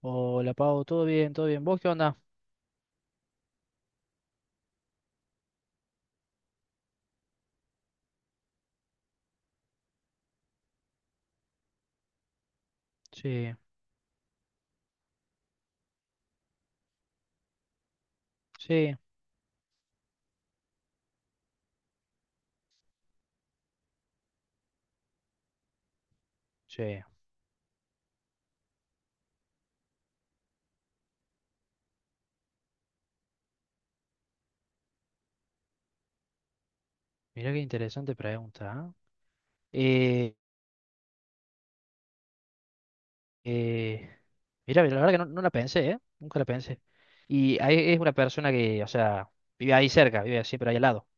Hola Pau, ¿todo bien? ¿Todo bien? ¿Vos qué onda? Sí, sí, sí. Mirá qué interesante pregunta, ¿eh? Eh, eh, mirá, la verdad que no la pensé, ¿eh? Nunca la pensé. Y ahí es una persona que, o sea, vive ahí cerca, vive siempre ahí al lado.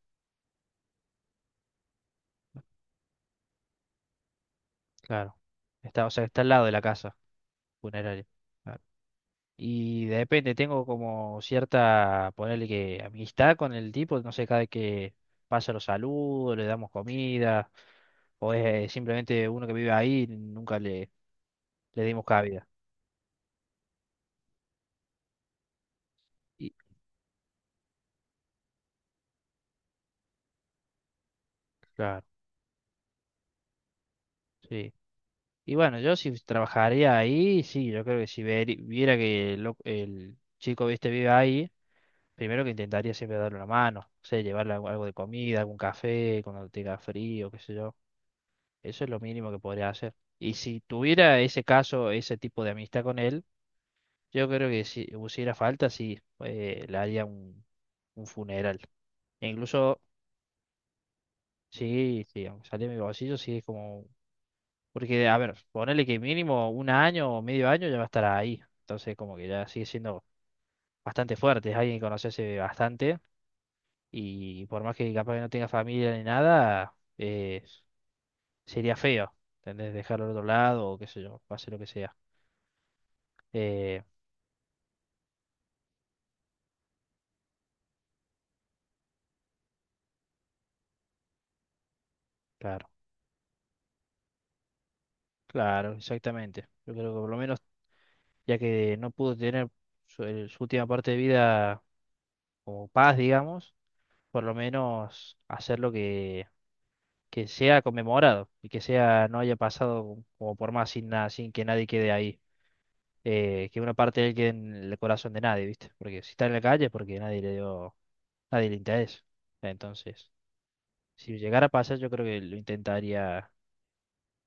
Claro. Está, o sea, está al lado de la casa funeraria. Claro. Y depende, tengo como cierta, ponerle que amistad con el tipo, no sé, cada vez que pasa los saludos, le damos comida, o es simplemente uno que vive ahí, nunca le dimos cabida. Y, claro, sí. Y bueno, yo si trabajaría ahí, sí, yo creo que si viera que el chico, viste, vive ahí, primero que intentaría siempre darle una mano, o sea, llevarle algo, algo de comida, algún café, cuando tenga frío, qué sé yo. Eso es lo mínimo que podría hacer. Y si tuviera ese caso, ese tipo de amistad con él, yo creo que si hubiera falta, sí, le haría un funeral. E incluso, sí, sí, aunque saliera de mi bolsillo, sí es como. Porque, a ver, ponele que mínimo un año o medio año ya va a estar ahí. Entonces, como que ya sigue siendo bastante fuerte. Es alguien que conoce hace bastante. Y por más que capaz que no tenga familia ni nada, sería feo. ¿Entendés? Dejarlo al otro lado o qué sé yo, pase lo que sea. Eh, claro, claro, exactamente. Yo creo que por lo menos, ya que no pudo tener su última parte de vida como paz, digamos, por lo menos hacer lo que sea conmemorado y que sea, no haya pasado como por más sin nada, sin que nadie quede ahí. Eh, que una parte de él quede en el corazón de nadie, ¿viste? Porque si está en la calle es porque nadie le dio, nadie le interesa. Entonces, si llegara a pasar, yo creo que lo intentaría,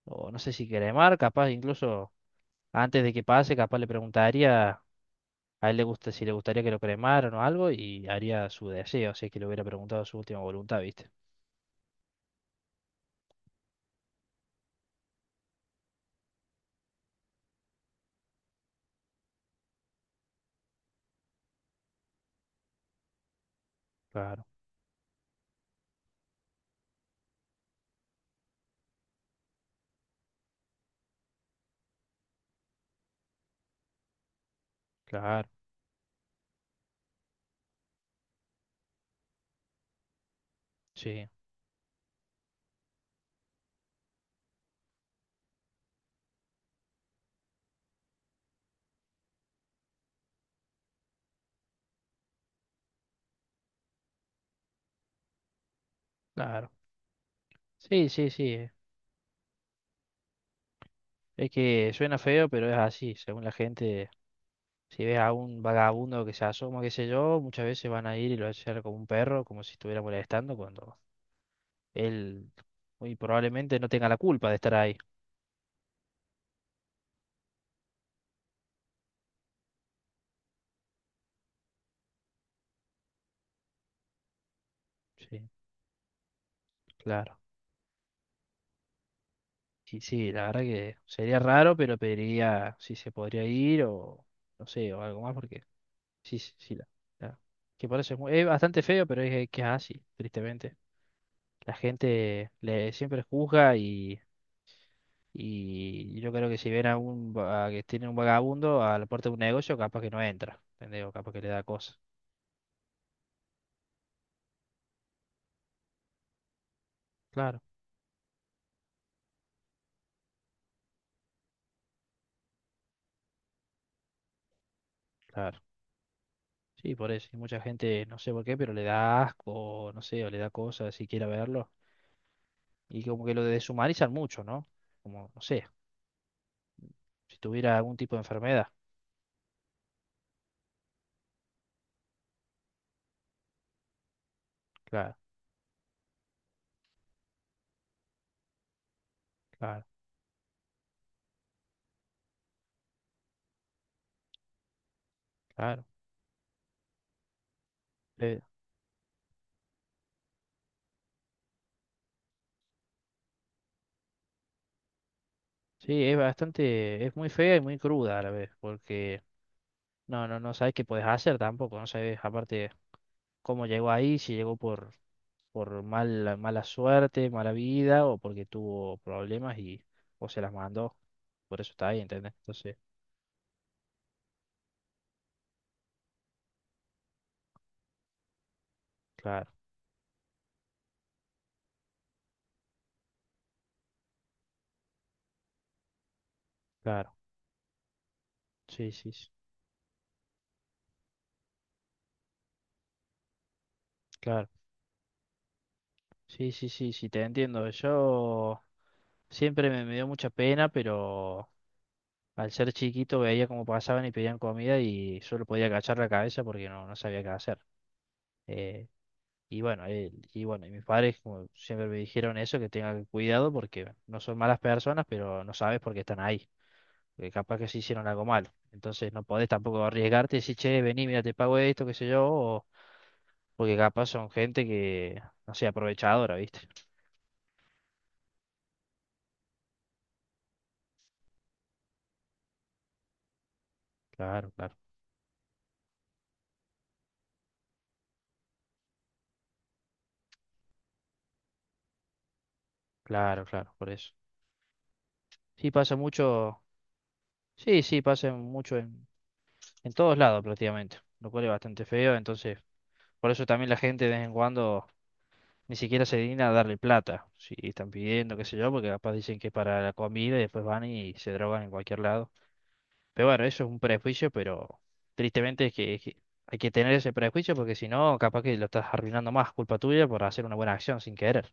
o no sé si cremar, capaz incluso antes de que pase, capaz le preguntaría a él le gusta, si le gustaría que lo cremaran o algo y haría su deseo, si es que le hubiera preguntado su última voluntad, ¿viste? Claro, claro, sí, claro. Sí, sí, sí. Eh. Es que suena feo, pero es así. Según la gente, si ves a un vagabundo que se asoma, qué sé yo, muchas veces van a ir y lo van a hacer como un perro, como si estuviera molestando, cuando él muy probablemente no tenga la culpa de estar ahí. Sí, claro. Y sí, la verdad que sería raro, pero pediría si se podría ir o no sé, o algo más, porque sí, sí, sí. La- que por eso es bastante feo, pero es que es así, tristemente. La gente le siempre juzga. Y yo creo que si ven a a que tiene un vagabundo a la puerta de un negocio, capaz que no entra, ¿entendés? O capaz que le da cosas. Claro, claro. Sí, por eso. Y mucha gente, no sé por qué, pero le da asco, no sé, o le da cosas si quiere verlo. Y como que lo deshumanizan mucho, ¿no? Como, no sé, si tuviera algún tipo de enfermedad. Claro, claro, claro. Eh, sí, es bastante, es muy fea y muy cruda a la vez, porque no sabes qué puedes hacer tampoco, no sabes aparte cómo llegó ahí, si llegó por mala, mala suerte, mala vida o porque tuvo problemas y o se las mandó. Por eso está ahí, ¿entendés? Entonces, claro, claro. Sí, sí, sí, claro. Sí, sí, sí, sí, te entiendo. Yo siempre me dio mucha pena, pero al ser chiquito veía cómo pasaban y pedían comida y solo podía agachar la cabeza porque no sabía qué hacer. Eh, y bueno, y mis padres como siempre me dijeron eso, que tenga cuidado porque no son malas personas, pero no sabes por qué están ahí. Que capaz que se hicieron algo mal. Entonces no podés tampoco arriesgarte y decir, che, vení, mira, te pago esto, qué sé yo, o- porque capaz son gente que, no sé, aprovechadora, ¿viste? Claro, claro, claro, claro, por eso. Sí, pasa mucho, sí, sí, pasa mucho en todos lados prácticamente, lo cual es bastante feo, entonces, por eso también la gente de vez en cuando ni siquiera se digna a darle plata, si están pidiendo, qué sé yo, porque capaz dicen que es para la comida y después van y se drogan en cualquier lado. Pero bueno, eso es un prejuicio, pero tristemente es que hay que tener ese prejuicio porque si no, capaz que lo estás arruinando más, culpa tuya por hacer una buena acción sin querer.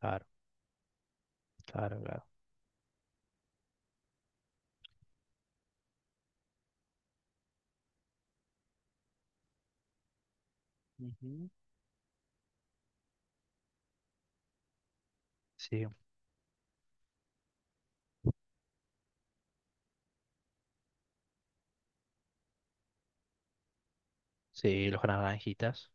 Claro, claro, claro. Ujú. Sí, sí, los naranjitas.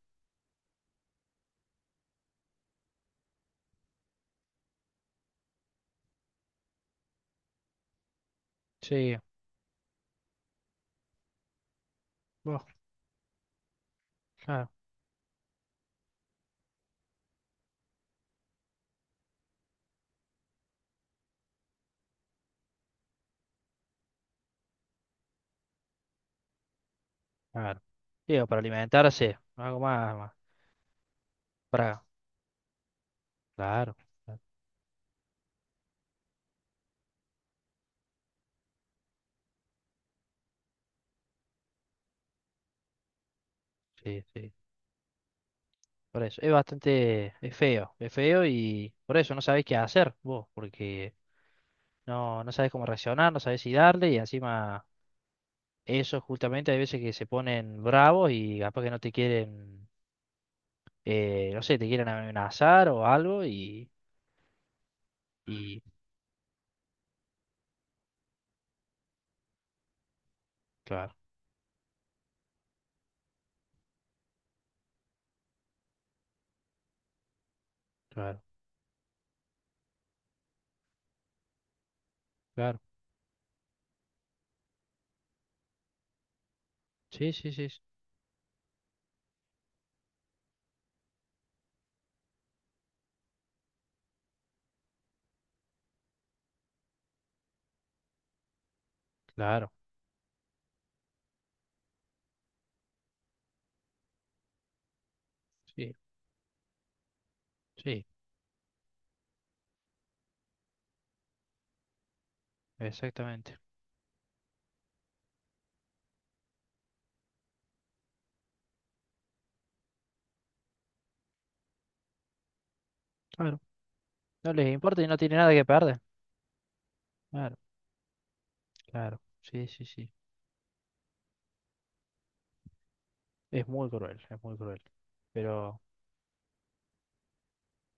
Sí, vos, claro, claro. Digo, para alimentarse, algo más, más. Para, claro, claro, sí, sí. Por eso, es bastante, es feo y por eso no sabés qué hacer vos, porque no sabés cómo reaccionar, no sabés si darle y encima... Eso justamente hay veces que se ponen bravos y capaz que no te quieren, no sé, te quieren amenazar o algo y claro, claro, claro. Sí, sí, sí, sí, claro, sí, sí, exactamente. Claro, no les importa y no tiene nada que perder. Claro, claro, sí, sí, sí. Es muy cruel, es muy cruel. Pero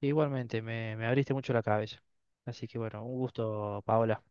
igualmente me abriste mucho la cabeza. Así que bueno, un gusto, Paola.